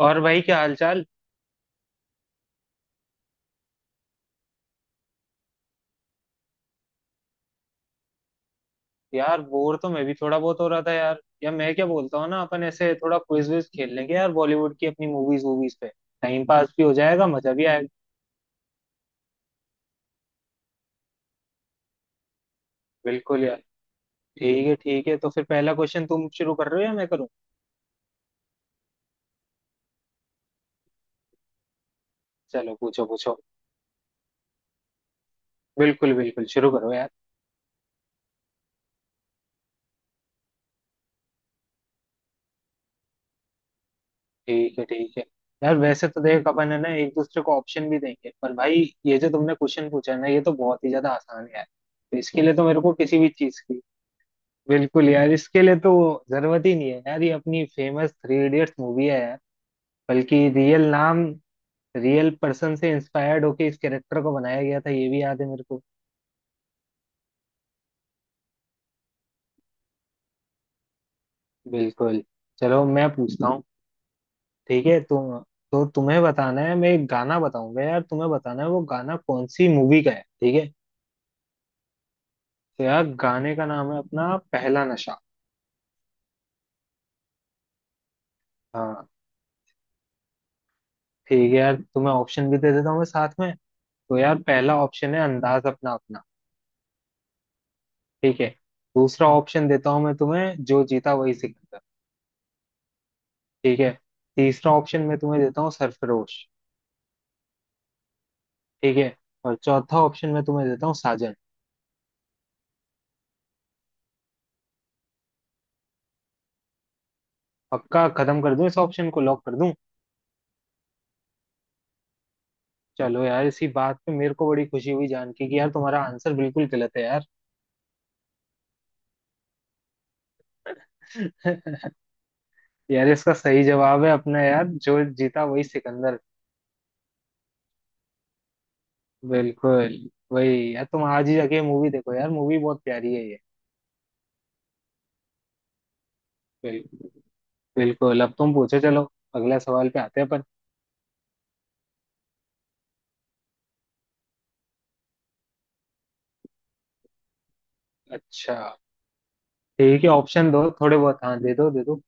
और भाई क्या हालचाल। यार बोर तो मैं भी थोड़ा बहुत हो रहा था यार। या मैं क्या बोलता हूँ ना, अपन ऐसे थोड़ा क्विज विज खेल लेंगे यार, बॉलीवुड की अपनी मूवीज वूवीज पे। टाइम पास भी हो जाएगा, मजा भी आएगा। बिल्कुल यार। ठीक है ठीक है, तो फिर पहला क्वेश्चन तुम शुरू कर रहे हो या मैं करूँ? चलो पूछो पूछो। बिल्कुल बिल्कुल, शुरू करो यार। ठीक है ठीक है। यार वैसे तो देख अपन है ना एक दूसरे को ऑप्शन भी देंगे, पर भाई ये जो तुमने क्वेश्चन पूछा है ना, ये तो बहुत ही ज्यादा आसान है यार। तो इसके लिए तो मेरे को किसी भी चीज की, बिल्कुल यार इसके लिए तो जरूरत ही नहीं है यार। ये अपनी फेमस थ्री इडियट्स मूवी है यार। बल्कि रियल नाम, रियल पर्सन से इंस्पायर्ड होके इस कैरेक्टर को बनाया गया था, ये भी याद है मेरे को। बिल्कुल। चलो मैं पूछता हूँ। ठीक है तुम, तो तुम्हें बताना है, मैं एक गाना बताऊंगा यार, तुम्हें बताना है वो गाना कौन सी मूवी का है, ठीक है? तो यार गाने का नाम है अपना पहला नशा। हाँ, ठीक है यार तुम्हें ऑप्शन भी दे देता हूँ मैं साथ में। तो यार पहला ऑप्शन है अंदाज अपना अपना। ठीक है। दूसरा ऑप्शन देता हूँ मैं तुम्हें, जो जीता वही सिकंदर। ठीक है। तीसरा ऑप्शन मैं तुम्हें देता हूँ सरफरोश। ठीक है। और चौथा ऑप्शन मैं तुम्हें देता हूँ साजन। पक्का? खत्म कर दूं? इस ऑप्शन को लॉक कर दूं? चलो यार इसी बात पे मेरे को बड़ी खुशी हुई जान के कि यार तुम्हारा आंसर बिल्कुल गलत है यार। यार इसका सही जवाब है अपना यार जो जीता वही सिकंदर। बिल्कुल। वही यार, तुम आज ही जाके मूवी देखो यार, मूवी बहुत प्यारी है ये। बिल्कुल। बिल्कुल अब तुम पूछो, चलो अगला सवाल पे आते हैं अपन। अच्छा। ठीक है, ऑप्शन दो थोड़े बहुत, हाँ दे दो दे दो।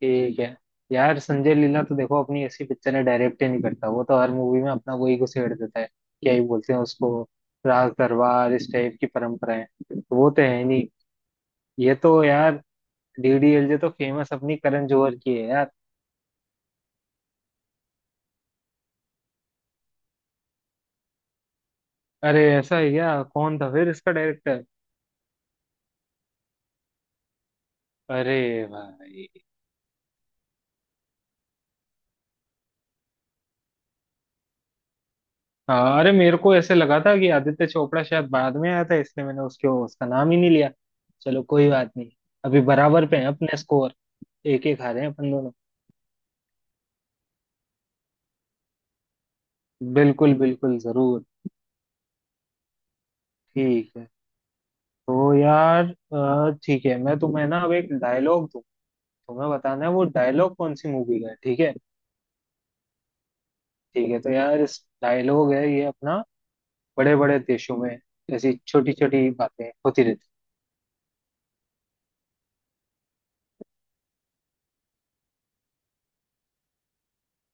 ठीक है। यार संजय लीला तो देखो, अपनी ऐसी पिक्चर है डायरेक्ट ही नहीं करता, वो तो हर मूवी में अपना वही घुसेड़ देता है, क्या ही बोलते हैं उसको, राज दरबार इस टाइप की परंपराएं। तो वो तो है नहीं। ये तो यार डीडीएलजे तो फेमस अपनी करण जौहर की है यार। अरे ऐसा है क्या? कौन था फिर इसका डायरेक्टर? अरे भाई! हाँ, अरे मेरे को ऐसे लगा था कि आदित्य चोपड़ा शायद बाद में आया था, इसलिए मैंने उसके उसका नाम ही नहीं लिया। चलो कोई बात नहीं। अभी बराबर पे हैं अपने स्कोर। एक एक हारे हैं अपन दोनों। बिल्कुल बिल्कुल, जरूर। ठीक है, तो यार ठीक है मैं तुम्हें ना अब एक डायलॉग दूं, तुम्हें बताना है वो डायलॉग कौन सी मूवी का है, ठीक है? ठीक है तो यार इस डायलॉग है ये अपना, बड़े बड़े देशों में ऐसी छोटी छोटी बातें होती रहती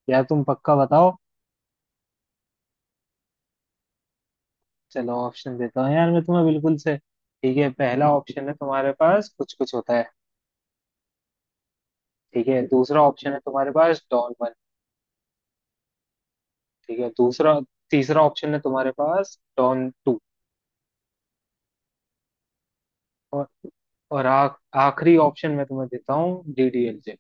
हैं। यार तुम पक्का बताओ? चलो ऑप्शन देता हूँ यार मैं तुम्हें बिल्कुल से। ठीक है, पहला ऑप्शन है तुम्हारे पास कुछ कुछ होता है। ठीक है, दूसरा ऑप्शन है तुम्हारे पास डॉन वन। ठीक है। दूसरा, तीसरा ऑप्शन है तुम्हारे पास डॉन टू। और और आखिरी ऑप्शन मैं तुम्हें देता हूँ डीडीएलजे।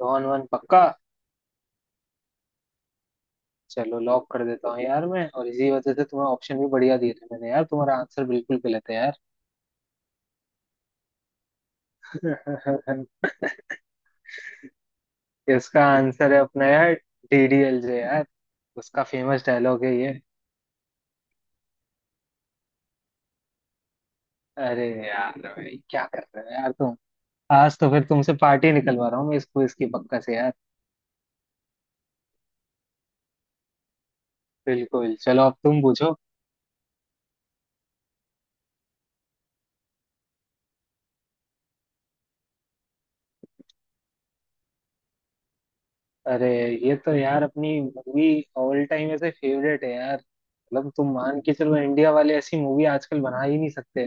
डॉन वन, पक्का? चलो लॉक कर देता हूँ यार मैं, और इसी वजह से तुम्हें ऑप्शन भी बढ़िया दिए थे मैंने, यार तुम्हारा आंसर बिल्कुल गलत है यार। इसका आंसर है अपना यार डीडीएलजे यार। उसका फेमस डायलॉग है ये। अरे यार भाई क्या कर रहे हो यार तुम। आज तो फिर तुमसे पार्टी निकलवा रहा हूँ मैं इस क्विज की पक्का से यार। बिल्कुल, चलो अब तुम पूछो। अरे ये तो यार अपनी मूवी ऑल टाइम ऐसे फेवरेट है यार, मतलब तुम मान के चलो इंडिया वाले ऐसी मूवी आजकल बना ही नहीं सकते।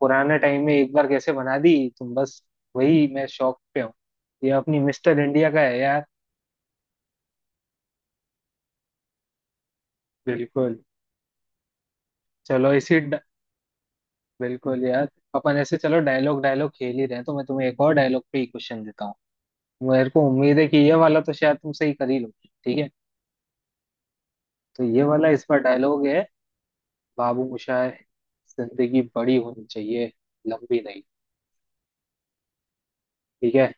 पुराने टाइम में एक बार कैसे बना दी तुम बस। वही मैं शौक पे हूँ। ये अपनी मिस्टर इंडिया का है यार। बिल्कुल। चलो इसी ड... बिल्कुल यार। अपन ऐसे चलो डायलॉग डायलॉग खेल ही रहे हैं, तो मैं तुम्हें एक और डायलॉग पे ही क्वेश्चन देता हूँ। मेरे को उम्मीद है कि ये वाला तो शायद तुम सही कर ही लोगे, ठीक है? तो ये वाला इस पर डायलॉग है, बाबू मोशाय, जिंदगी बड़ी होनी चाहिए, लंबी नहीं। ठीक है।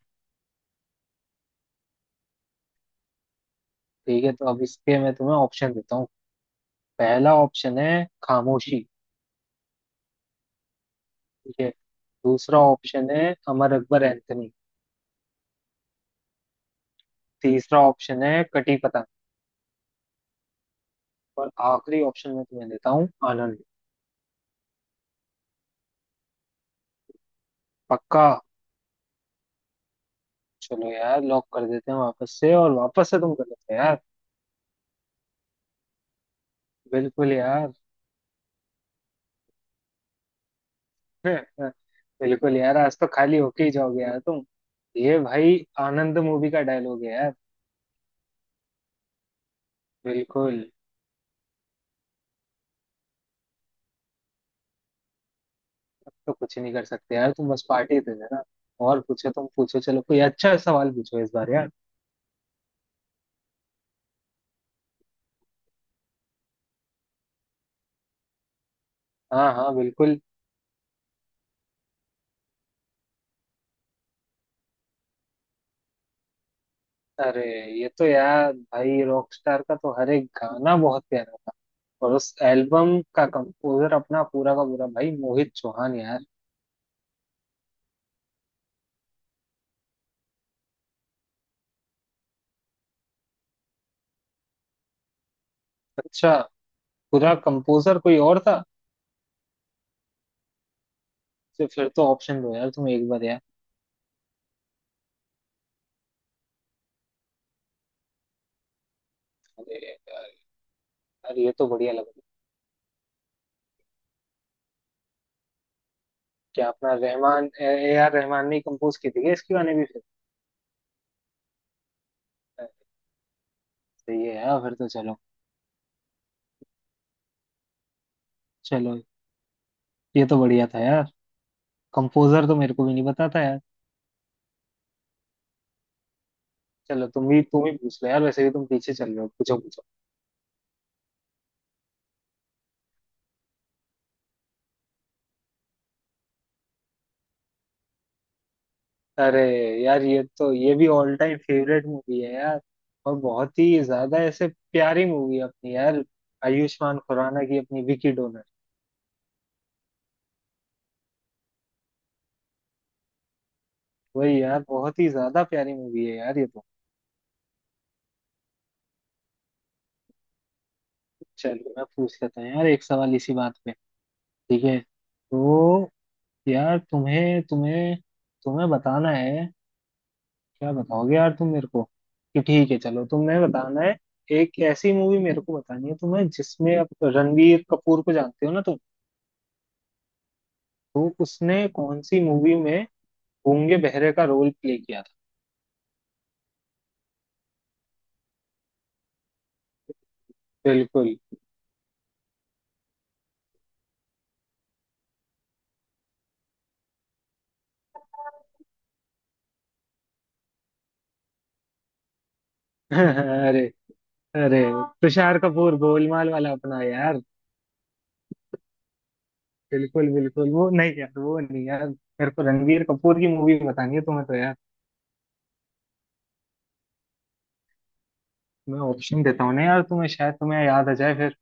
ठीक है तो अब इसके मैं तुम्हें ऑप्शन देता हूँ। पहला ऑप्शन है खामोशी। ठीक है। दूसरा ऑप्शन है अमर अकबर एंथनी। तीसरा ऑप्शन है कटी पतंग। और आखिरी ऑप्शन मैं तुम्हें देता हूँ आनंद। पक्का? चलो यार लॉक कर देते हैं वापस से, और वापस से तुम कर देते हो यार। बिल्कुल यार। बिल्कुल यार आज तो खाली होके ही जाओगे यार तुम। ये भाई आनंद मूवी का डायलॉग है यार। बिल्कुल। अब तो कुछ नहीं कर सकते यार तुम, बस पार्टी दे देना। और पूछो, तुम पूछो चलो, कोई अच्छा सवाल पूछो इस बार यार। हाँ हाँ बिल्कुल। अरे ये तो यार भाई रॉकस्टार का तो हर एक गाना बहुत प्यारा था। और उस एल्बम का कंपोजर अपना पूरा का पूरा भाई मोहित चौहान यार। अच्छा, पूरा कंपोजर कोई और था? तो फिर तो ऑप्शन दो यार तुम एक बार यार। अरे यार ये तो बढ़िया लग रहा है। कि अपना रहमान, ए आर रहमान ने कंपोज की थी क्या इसकी गाने भी फिर? सही है यार फिर तो, चलो। चलो ये तो बढ़िया था यार। कंपोजर तो मेरे को भी नहीं पता था यार। चलो तुम भी, तुम ही पूछ लो यार, वैसे भी तुम पीछे चल रहे हो, पूछो पूछो। अरे यार ये तो, ये भी ऑल टाइम फेवरेट मूवी है यार। और बहुत ही ज्यादा ऐसे प्यारी मूवी है अपनी यार, आयुष्मान खुराना की अपनी विकी डोनर। वही यार बहुत ही ज्यादा प्यारी मूवी है यार ये तो। चलो मैं पूछ लेता हूँ यार एक सवाल इसी बात पे। ठीक है। तो यार तुम्हें तुम्हें तुम्हें बताना है, क्या बताओगे यार तुम मेरे को कि, ठीक है चलो तुम्हें बताना है, एक ऐसी मूवी मेरे को बतानी है तुम्हें जिसमें, आप रणवीर कपूर को जानते हो ना तुम? तो उसने कौन सी मूवी में गूंगे बहरे का रोल प्ले किया था? बिल्कुल। अरे! अरे तुषार कपूर गोलमाल वाला अपना यार। बिल्कुल बिल्कुल वो नहीं यार, वो नहीं यार, मेरे को रणवीर कपूर की मूवी बतानी है तुम्हें तो। मैं ऑप्शन देता हूँ ना यार तुम्हें, शायद तुम्हें याद आ जाए फिर।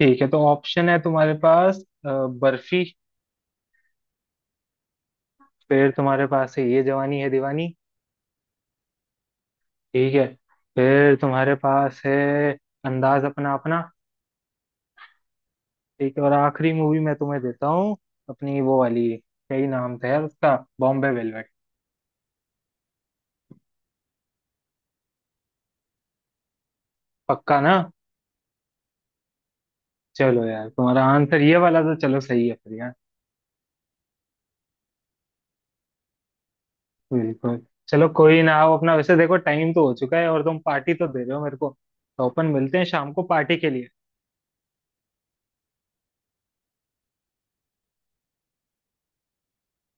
ठीक है, तो ऑप्शन है तुम्हारे पास अ, बर्फी। फिर तुम्हारे पास है ये जवानी है दीवानी। ठीक है। फिर तुम्हारे पास है अंदाज अपना अपना। ठीक है। और आखिरी मूवी मैं तुम्हें देता हूँ, अपनी वो वाली क्या ही नाम था यार उसका, बॉम्बे वेलवेट। पक्का ना? चलो यार तुम्हारा आंसर ये वाला तो चलो सही है फिर यार। बिल्कुल। चलो कोई ना, आओ अपना, वैसे देखो टाइम तो हो चुका है और तुम पार्टी तो दे रहे हो मेरे को, तो अपन मिलते हैं शाम को पार्टी के लिए।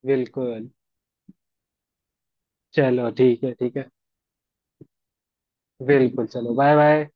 बिल्कुल। चलो ठीक है ठीक है। बिल्कुल चलो, बाय बाय।